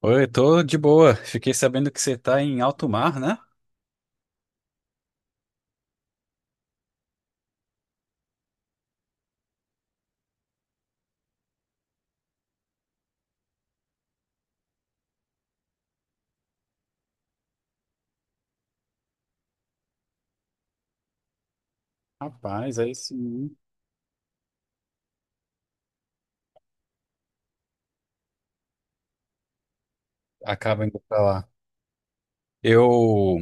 Oi, tô de boa. Fiquei sabendo que você tá em alto mar, né? Rapaz, aí sim. Acaba indo pra lá. Eu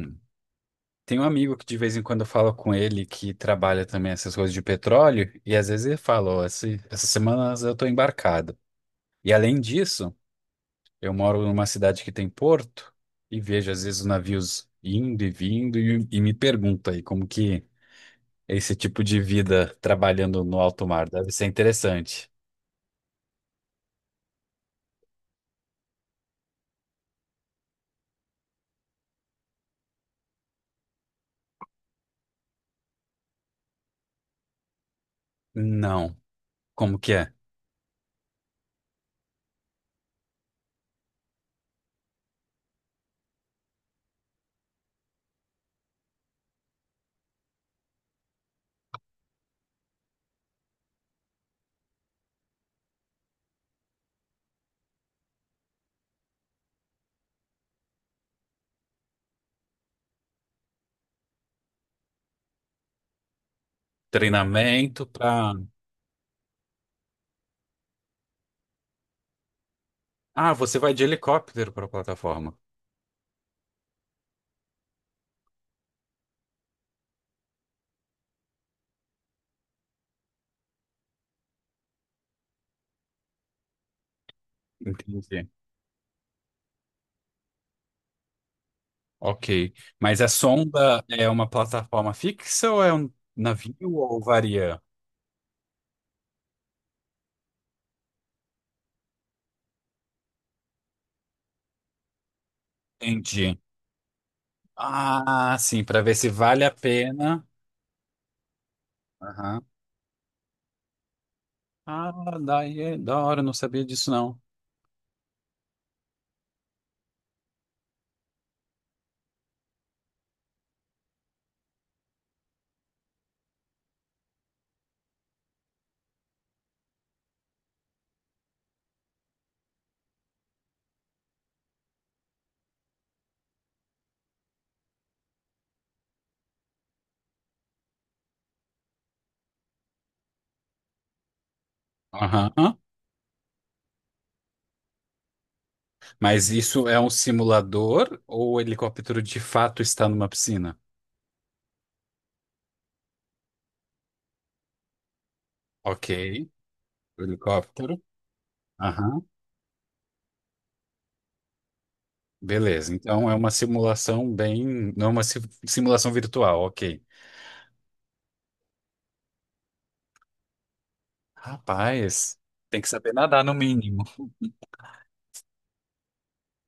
tenho um amigo que de vez em quando eu falo com ele que trabalha também essas coisas de petróleo, e às vezes ele fala, ó, essas semanas eu tô embarcado. E além disso, eu moro numa cidade que tem porto e vejo às vezes os navios indo e vindo e me pergunta aí como que é esse tipo de vida trabalhando no alto mar deve ser interessante. Não, como que é? Treinamento para. Ah, você vai de helicóptero para a plataforma. Entendi. Ok. Mas a sonda é uma plataforma fixa ou é um navio ou varia? Entendi. Ah, sim, para ver se vale a pena. Aham. Ah, daí é da hora, eu não sabia disso não. Aham. Mas isso é um simulador ou o helicóptero de fato está numa piscina? Ok. O helicóptero. Aham. Beleza, então é uma simulação bem. Não é uma simulação virtual, ok. Rapaz, tem que saber nadar no mínimo.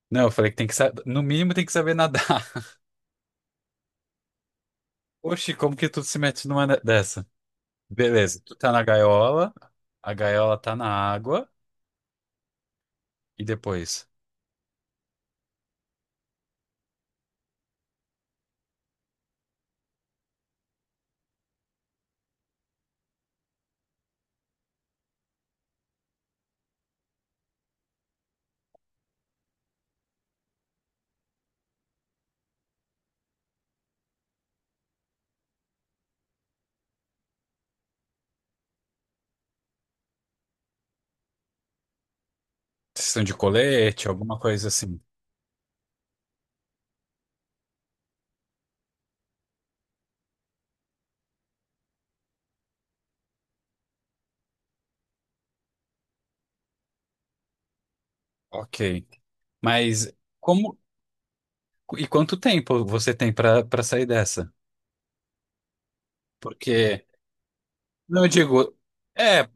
Não, eu falei que tem que saber. No mínimo tem que saber nadar. Oxi, como que tu se mete numa dessa? Beleza, tu tá na gaiola, a gaiola tá na água, e depois? Vocês estão de colete, alguma coisa assim. Ok. Mas como. E quanto tempo você tem pra sair dessa? Porque. Não, eu digo. É,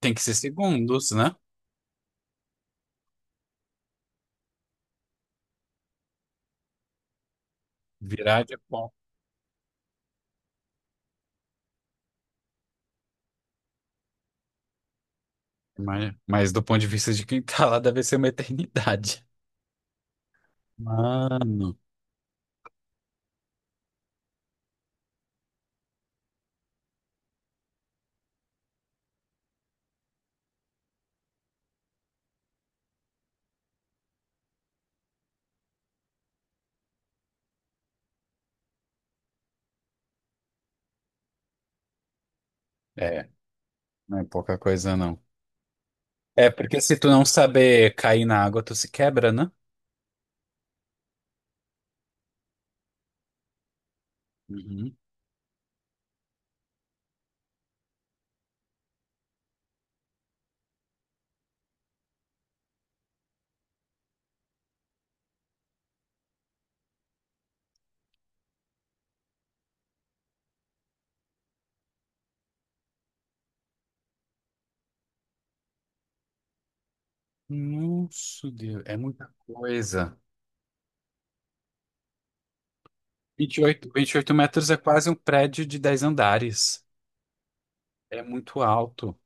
tem que ser segundos, né? Virar de mas do ponto de vista de quem tá lá, deve ser uma eternidade. Mano. É, não é pouca coisa, não. É, porque se tu não saber cair na água, tu se quebra, né? Uhum. Nossa, Deus, é muita coisa. Vinte e oito metros é quase um prédio de 10 andares. É muito alto.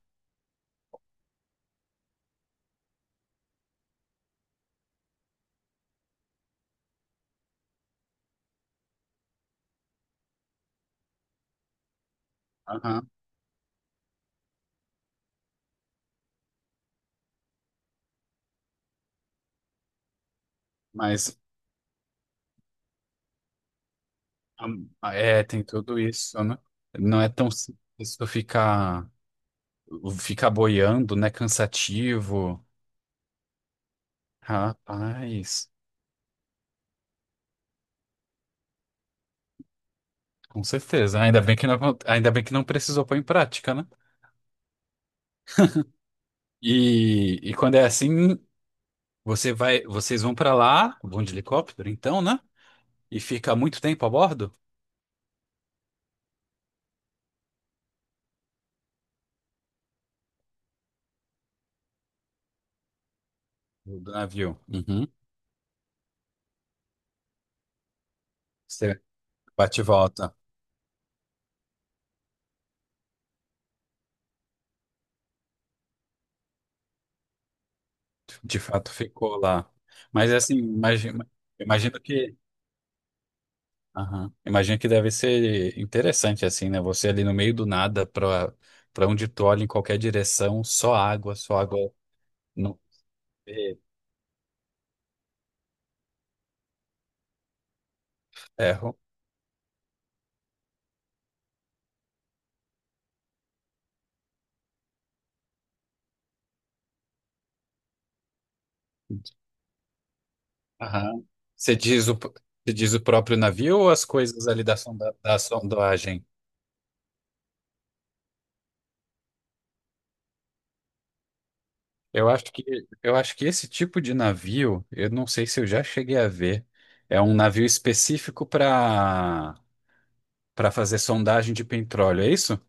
Aham. Mas é, tem tudo isso, né? Não é tão simples tu ficar, ficar boiando, né? Cansativo. Rapaz. Com certeza. Ainda bem que não, ainda bem que não precisou pôr em prática, né? E quando é assim, você vai, vocês vão pra lá, vão de helicóptero, então, né? E fica muito tempo a bordo do navio. Uhum. Você bate e volta. De fato, ficou lá. Mas assim, imagina, imagino que, aham. Imagino que deve ser interessante assim, né? Você ali no meio do nada, pra para onde tu olha em qualquer direção, só água, só água. Não, vê terra. Aham. Você diz o próprio navio ou as coisas ali da, sonda, da sondagem? Eu acho que, eu acho que esse tipo de navio, eu não sei se eu já cheguei a ver, é um navio específico para fazer sondagem de petróleo, é isso?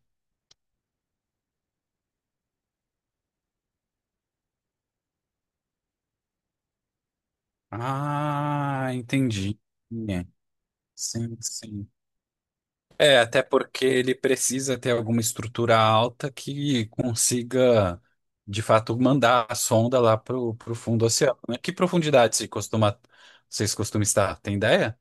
Ah, entendi. Sim, sim. É, até porque ele precisa ter alguma estrutura alta que consiga, de fato, mandar a sonda lá pro fundo do oceano, né? Que profundidade se costuma, vocês costumam estar? Tem ideia?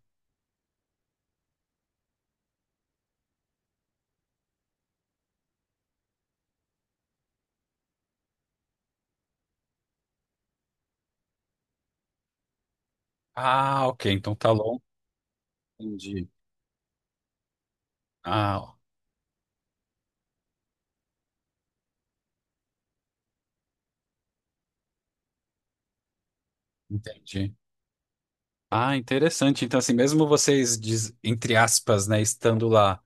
Ah, ok. Então tá longe. Entendi. Ah, ó, entendi. Ah, interessante. Então, assim, mesmo vocês, diz- entre aspas, né, estando lá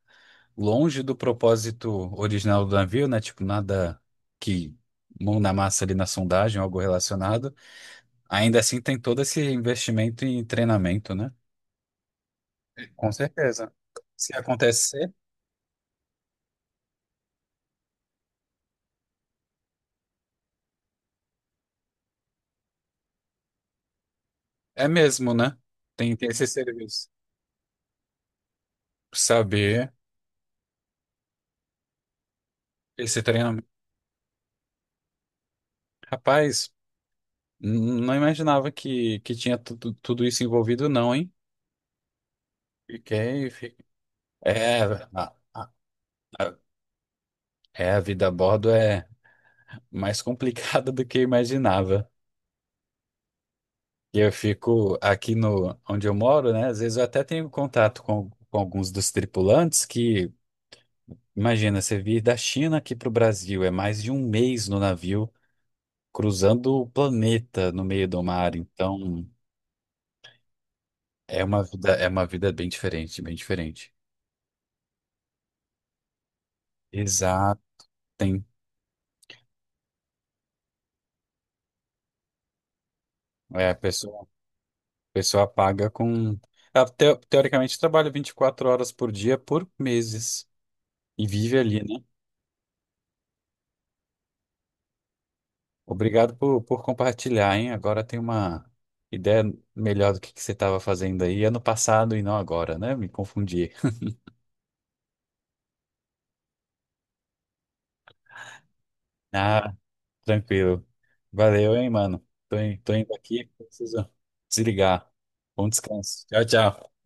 longe do propósito original do navio, né? Tipo, nada que mão na massa ali na sondagem, algo relacionado. Ainda assim, tem todo esse investimento em treinamento, né? Com certeza. Se acontecer, é mesmo, né? Tem, tem esse serviço. Saber esse treinamento. Rapaz, n- não imaginava que tinha tudo, tudo isso envolvido, não, hein? Fiquei. Fi- É, a, a- a- é, a vida a bordo é mais complicada do que eu imaginava. E eu fico aqui no, onde eu moro, né? Às vezes eu até tenho contato com alguns dos tripulantes que. Imagina, você vir da China aqui para o Brasil, é mais de um mês no navio, cruzando o planeta no meio do mar. Então, é uma vida bem diferente, bem diferente. Exato. Tem. É, a pessoa paga com. Ela teoricamente, trabalha 24 horas por dia por meses e vive ali, né? Obrigado por compartilhar, hein? Agora tem uma ideia melhor do que você estava fazendo aí ano passado e não agora, né? Me confundi. Ah. Tranquilo. Valeu, hein, mano. Tô, tô indo aqui, preciso desligar. Bom descanso. Tchau, tchau.